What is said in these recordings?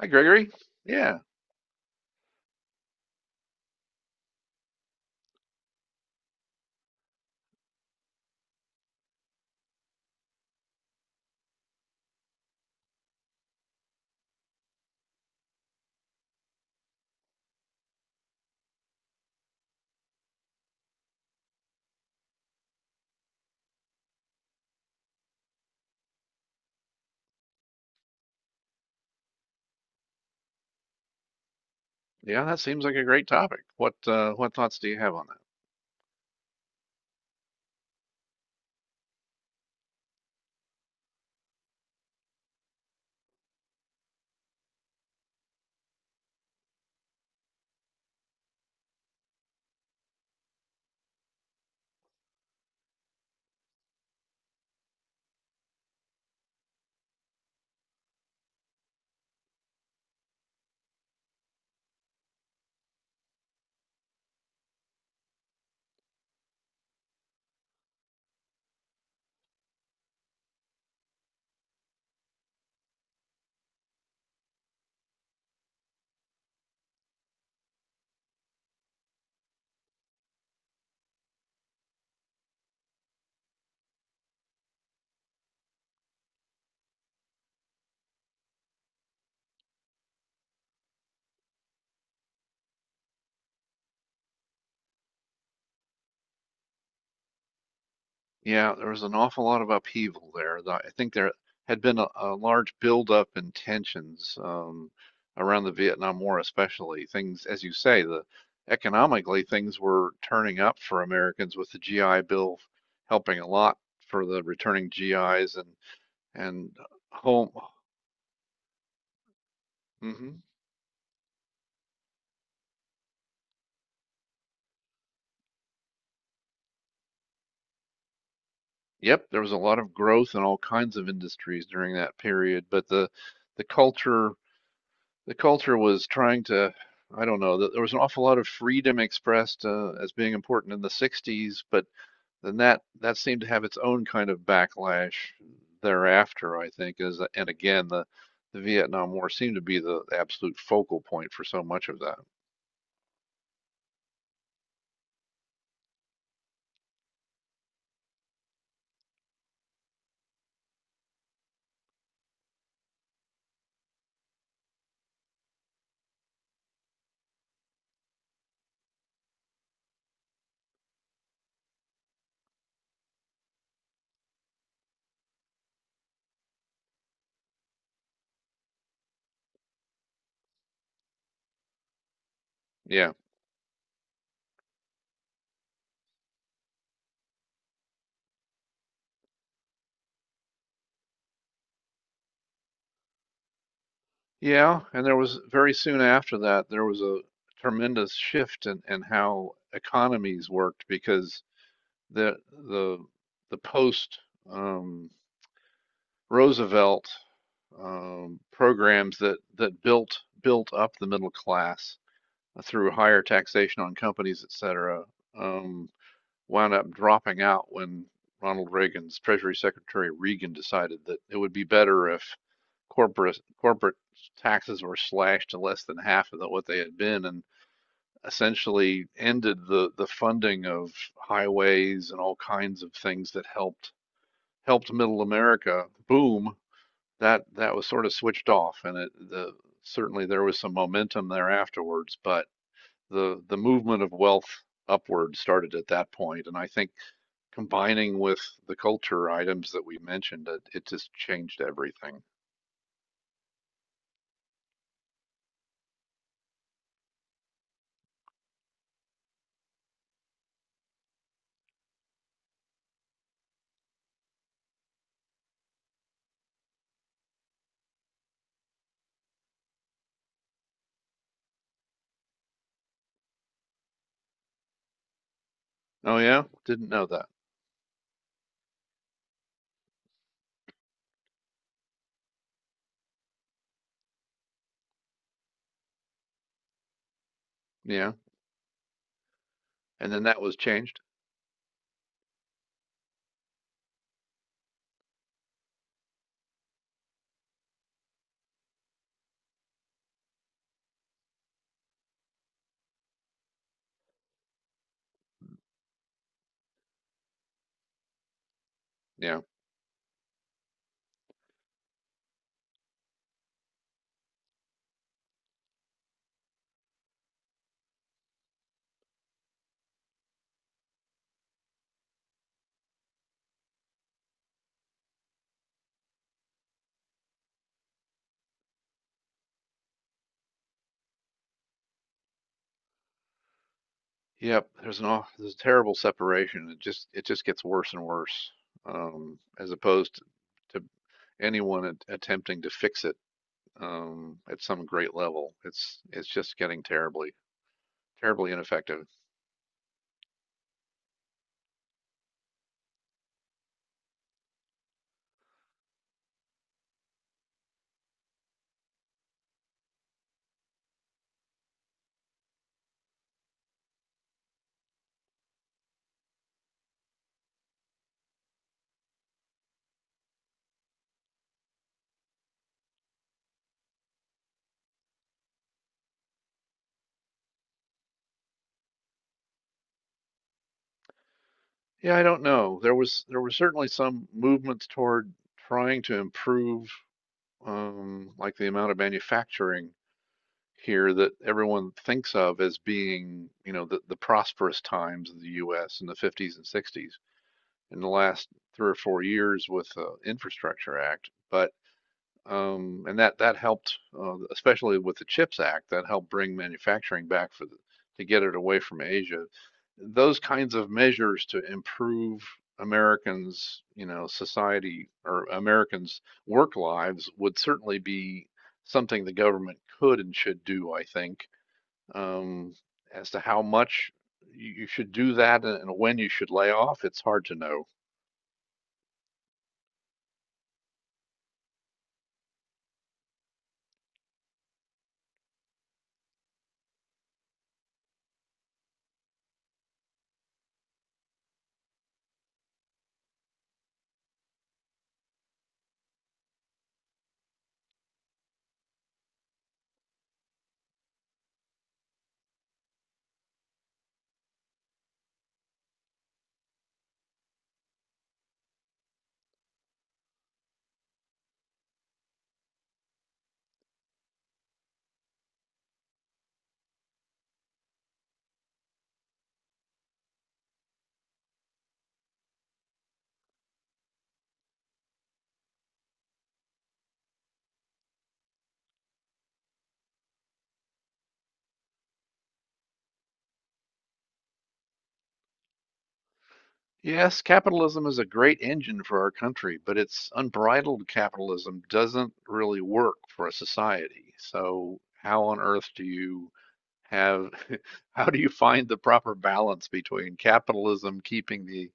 Hi, Gregory. Yeah, yeah, that seems like a great topic. What thoughts do you have on that? Yeah, there was an awful lot of upheaval there. I think there had been a large buildup in tensions around the Vietnam War, especially. Things, as you say, the economically things were turning up for Americans with the GI Bill helping a lot for the returning GIs and and home. Mm-hmm. Yep, there was a lot of growth in all kinds of industries during that period, but the culture the culture was trying to, I don't know, there was an awful lot of freedom expressed as being important in the 60s, but then that seemed to have its own kind of backlash thereafter, I think, is and again the Vietnam War seemed to be the absolute focal point for so much of that. Yeah. Yeah, and there was very soon after that, there was a tremendous shift in how economies worked because the the the post um, Roosevelt programs that built up the middle class through higher taxation on companies, et cetera, um, wound up dropping out when Ronald Reagan's Treasury Secretary Reagan decided that it would be better if corporate taxes were slashed to less than half of what they had been and essentially ended the funding of highways and all kinds of things that helped middle America boom. That was sort of switched off, and it the, certainly there was some momentum there afterwards, but the movement of wealth upward started at that point, and I think combining with the culture items that we mentioned, it just changed everything. Oh yeah, didn't know that. Yeah. And then that was changed. Yeah. Yep. There's a terrible separation. It just, gets worse and worse, as opposed to anyone attempting to fix it, at some great level. It's just getting terribly ineffective. Yeah, I don't know. There was certainly some movements toward trying to improve, like the amount of manufacturing here that everyone thinks of as being, you know, the prosperous times of the US in the 50s and 60s in the last three or four years with the Infrastructure Act, but and that that helped, especially with the CHIPS Act, that helped bring manufacturing back to get it away from Asia. Those kinds of measures to improve Americans, you know, society, or Americans' work lives, would certainly be something the government could and should do. I think, um, as to how much you should do that and when you should lay off, it's hard to know. Yes, capitalism is a great engine for our country, but it's unbridled capitalism doesn't really work for a society. So how on earth do you have, how do you find the proper balance between capitalism keeping the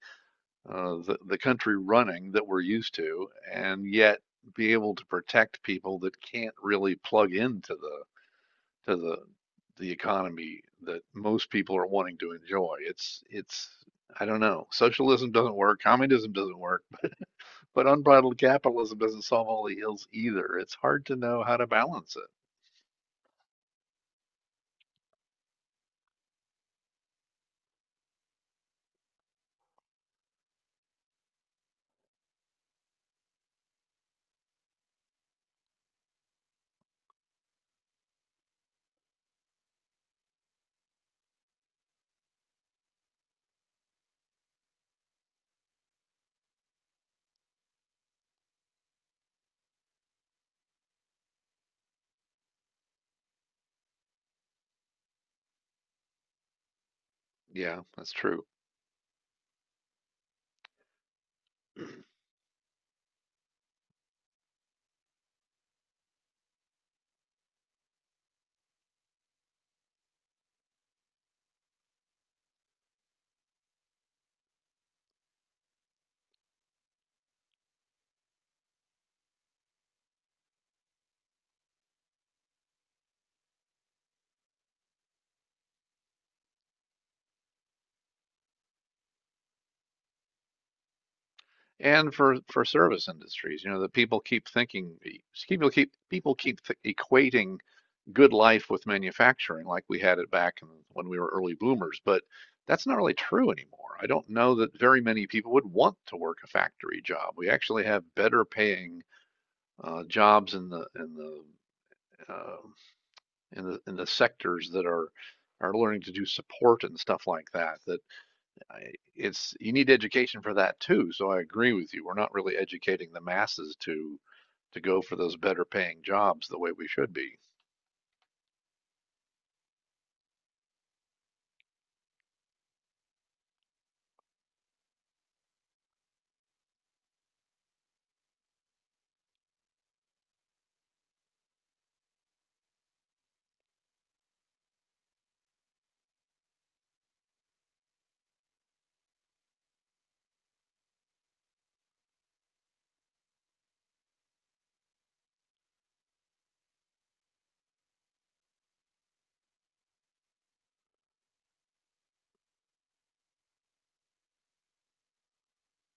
the country running that we're used to, and yet be able to protect people that can't really plug into the economy that most people are wanting to enjoy. It's I don't know. Socialism doesn't work, communism doesn't work, but unbridled capitalism doesn't solve all the ills either. It's hard to know how to balance it. Yeah, that's true. And for service industries, you know, the people keep thinking people keep equating good life with manufacturing like we had it back when we were early boomers, but that's not really true anymore. I don't know that very many people would want to work a factory job. We actually have better paying jobs in the in the uh, in the in the sectors that are learning to do support and stuff like that it's you need education for that too. So I agree with you. We're not really educating the masses to go for those better paying jobs the way we should be.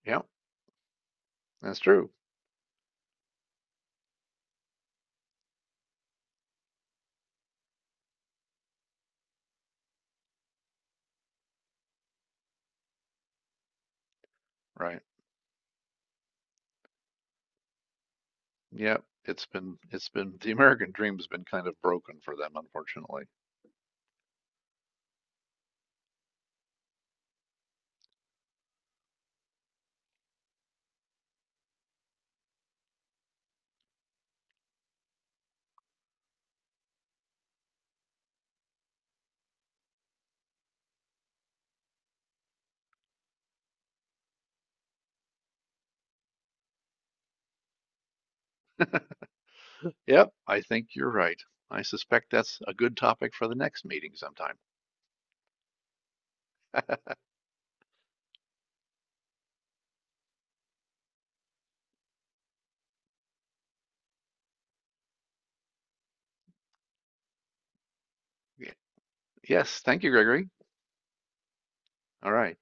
Yep, that's true. Right. Yep. It's been the American dream's been kind of broken for them, unfortunately. Yep, I think you're right. I suspect that's a good topic for the next meeting sometime. Yes, thank you, Gregory. All right,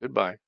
goodbye.